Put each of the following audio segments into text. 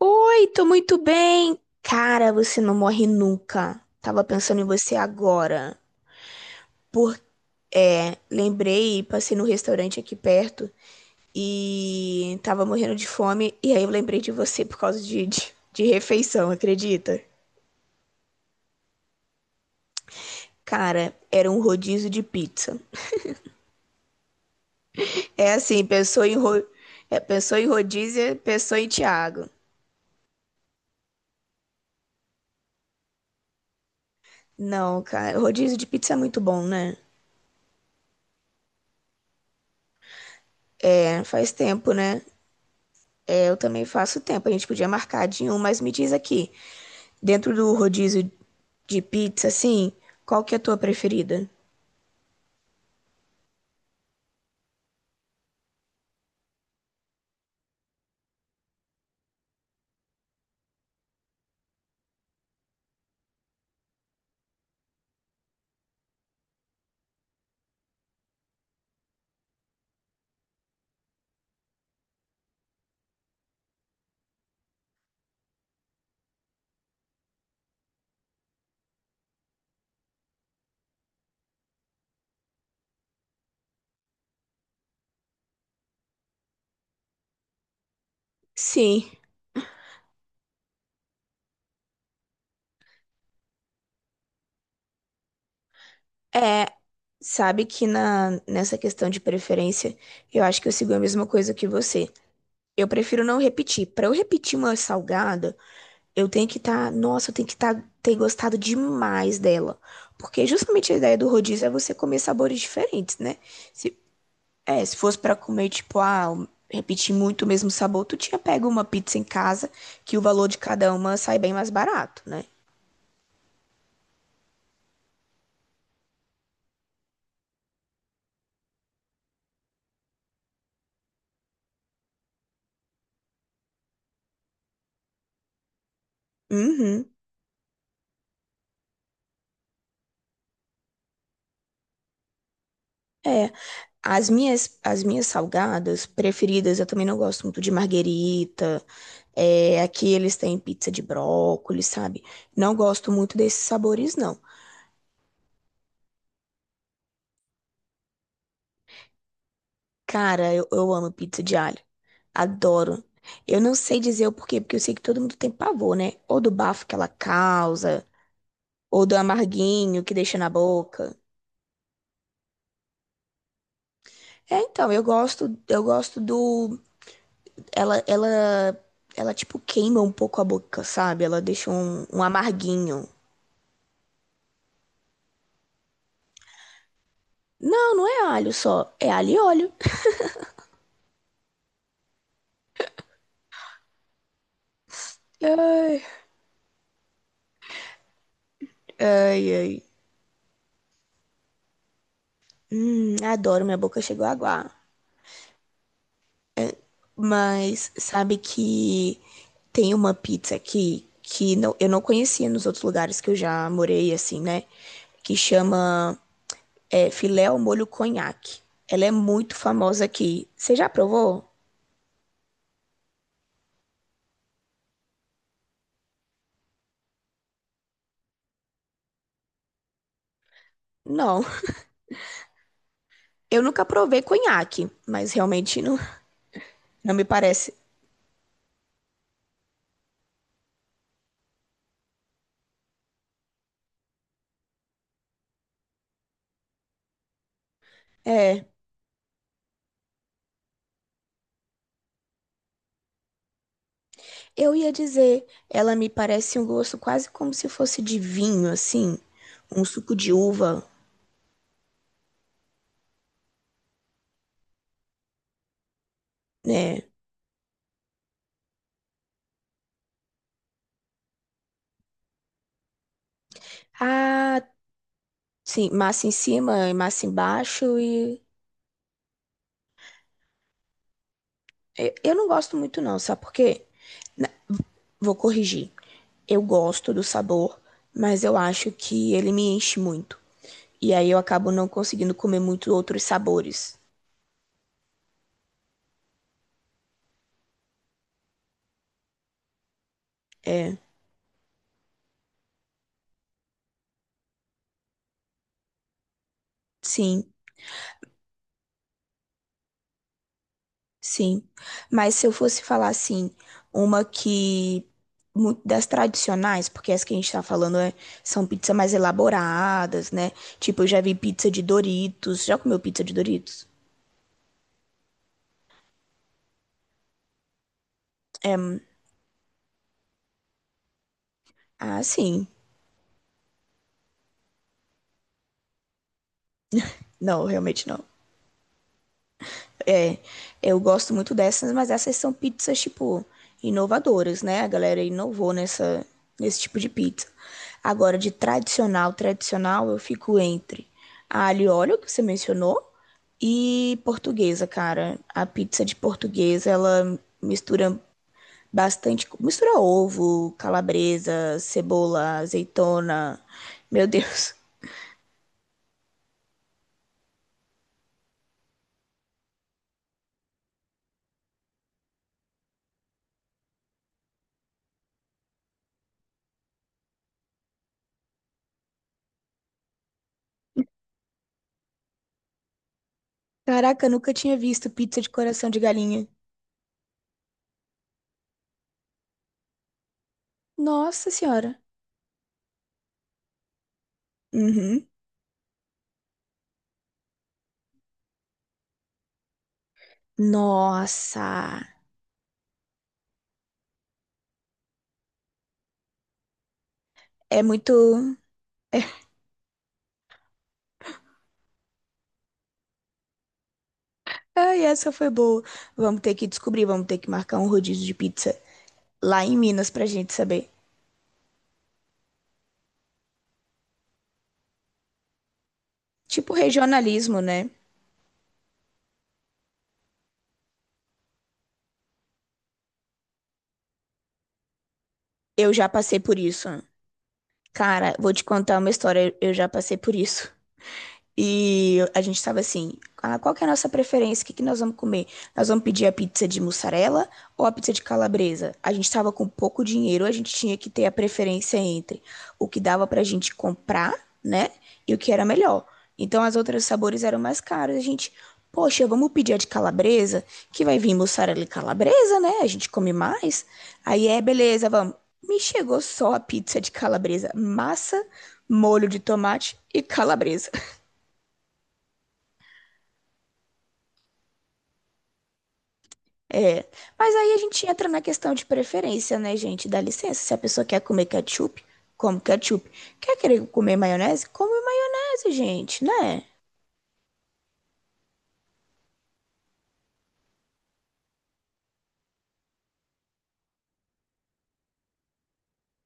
Oi, tô muito bem. Cara, você não morre nunca. Tava pensando em você agora. Por... É, lembrei, passei no restaurante aqui perto e tava morrendo de fome. E aí eu lembrei de você por causa de refeição, acredita? Cara, era um rodízio de pizza. É assim, pensou em, ro... é, pensou em rodízio, pensou em Thiago. Não, cara, rodízio de pizza é muito bom, né? É, faz tempo, né? É, eu também faço tempo. A gente podia marcar de um, mas me diz aqui, dentro do rodízio de pizza, assim, qual que é a tua preferida? Sim, é. Sabe que nessa questão de preferência, eu acho que eu sigo a mesma coisa que você. Eu prefiro não repetir. Pra eu repetir uma salgada, eu tenho que estar, nossa, eu tenho que tá, ter gostado demais dela. Porque justamente a ideia do rodízio é você comer sabores diferentes, né? Se- é, se fosse pra comer, tipo, ah, repetir muito o mesmo sabor, tu tinha pego uma pizza em casa, que o valor de cada uma sai bem mais barato, né? Uhum. É, as minhas salgadas preferidas, eu também não gosto muito de marguerita. É, aqui eles têm pizza de brócolis, sabe? Não gosto muito desses sabores, não. Cara, eu amo pizza de alho. Adoro. Eu não sei dizer o porquê, porque eu sei que todo mundo tem pavor, né? Ou do bafo que ela causa, ou do amarguinho que deixa na boca. É, então, eu gosto do ela ela tipo queima um pouco a boca, sabe? Ela deixa um amarguinho. Não, não é alho só, é alho e óleo. Ai, ai, ai. Adoro, minha boca chegou a aguar. Mas sabe que tem uma pizza aqui que não, eu não conhecia nos outros lugares que eu já morei, assim, né? Que chama é filé ao molho conhaque. Ela é muito famosa aqui. Você já provou? Não. Eu nunca provei conhaque, mas realmente não, não me parece. É, eu ia dizer, ela me parece um gosto quase como se fosse de vinho, assim, um suco de uva, né? Ah, sim, massa em cima e massa embaixo e eu não gosto muito não, sabe por quê? Na- vou corrigir. Eu gosto do sabor, mas eu acho que ele me enche muito. E aí eu acabo não conseguindo comer muito outros sabores. É, sim, sim. Mas se eu fosse falar assim, uma que muito das tradicionais, porque as que a gente tá falando é- são pizzas mais elaboradas, né? Tipo, eu já vi pizza de Doritos. Já comeu pizza de Doritos? Ah, sim. Não, realmente não. É, eu gosto muito dessas, mas essas são pizzas, tipo, inovadoras, né? A galera inovou nesse tipo de pizza. Agora, de tradicional, tradicional, eu fico entre a alho e óleo, que você mencionou, e portuguesa, cara. A pizza de portuguesa, ela mistura bastante, mistura ovo, calabresa, cebola, azeitona. Meu Deus. Caraca, eu nunca tinha visto pizza de coração de galinha. Nossa senhora. Uhum. Nossa, é muito. Ai, essa foi boa. Vamos ter que descobrir, vamos ter que marcar um rodízio de pizza lá em Minas pra gente saber. Tipo regionalismo, né? Eu já passei por isso. Cara, vou te contar uma história, eu já passei por isso. E a gente estava assim, ah, qual que é a nossa preferência? O que que nós vamos comer? Nós vamos pedir a pizza de mussarela ou a pizza de calabresa? A gente estava com pouco dinheiro, a gente tinha que ter a preferência entre o que dava pra gente comprar, né? E o que era melhor. Então as outras sabores eram mais caros. A gente, poxa, vamos pedir a de calabresa, que vai vir mussarela e calabresa, né? A gente come mais. Aí é, beleza, vamos. Me chegou só a pizza de calabresa, massa, molho de tomate e calabresa. É, mas aí a gente entra na questão de preferência, né, gente? Dá licença, se a pessoa quer comer ketchup, come ketchup. Quer querer comer maionese? Come maionese, gente, né?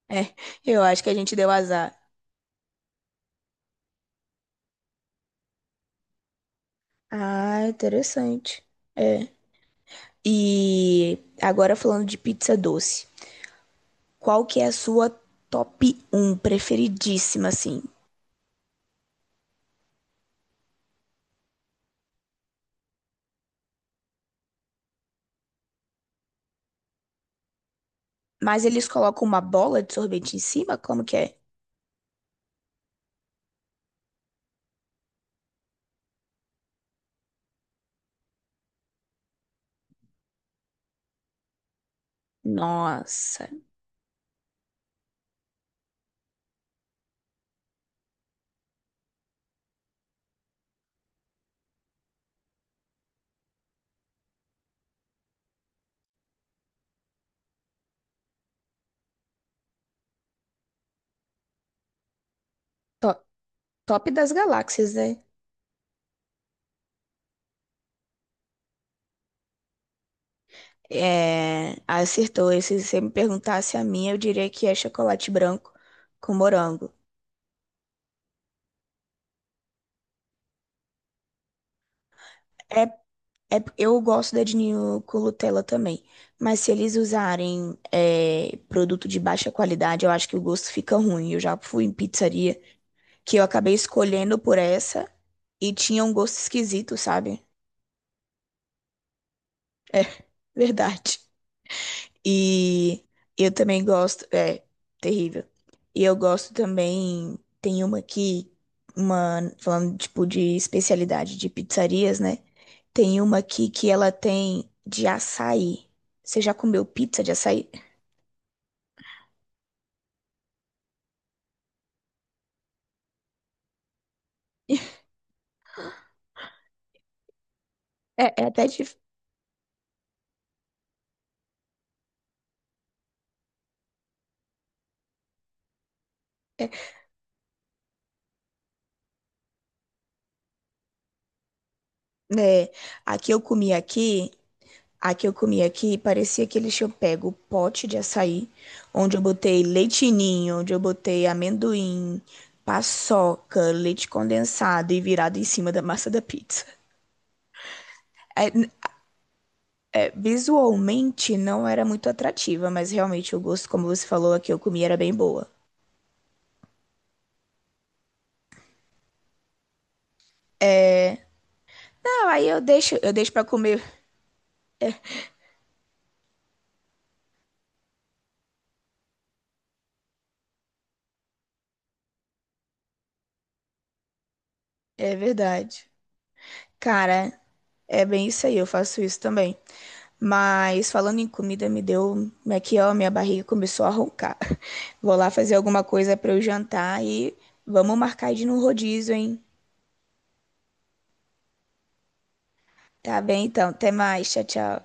É, eu acho que a gente deu azar. Ah, interessante. É. E agora falando de pizza doce, qual que é a sua top um preferidíssima, assim? Mas eles colocam uma bola de sorvete em cima? Como que é? Nossa, to- top das galáxias, né? É, acertou. E se você me perguntasse a minha, eu diria que é chocolate branco com morango. É, eu gosto da de ninho com Nutella também. Mas se eles usarem é, produto de baixa qualidade, eu acho que o gosto fica ruim. Eu já fui em pizzaria que eu acabei escolhendo por essa e tinha um gosto esquisito, sabe? É verdade. E eu também gosto. É, terrível. E eu gosto também. Tem uma aqui, uma, falando tipo de especialidade de pizzarias, né? Tem uma aqui que ela tem de açaí. Você já comeu pizza de açaí? É, é até dif- né? Aqui eu comi aqui. A que eu comi aqui parecia que eles tinham pego o pote de açaí, onde eu botei leitinho, onde eu botei amendoim, paçoca, leite condensado e virado em cima da massa da pizza. É, visualmente não era muito atrativa, mas realmente o gosto, como você falou, a que eu comi era bem boa. Não, aí eu deixo para comer. É verdade. Cara, é bem isso aí, eu faço isso também. Mas falando em comida, me deu. Aqui, ó, minha barriga começou a roncar. Vou lá fazer alguma coisa para eu jantar e vamos marcar de ir num rodízio, hein? Tá bem, então. Até mais. Tchau, tchau.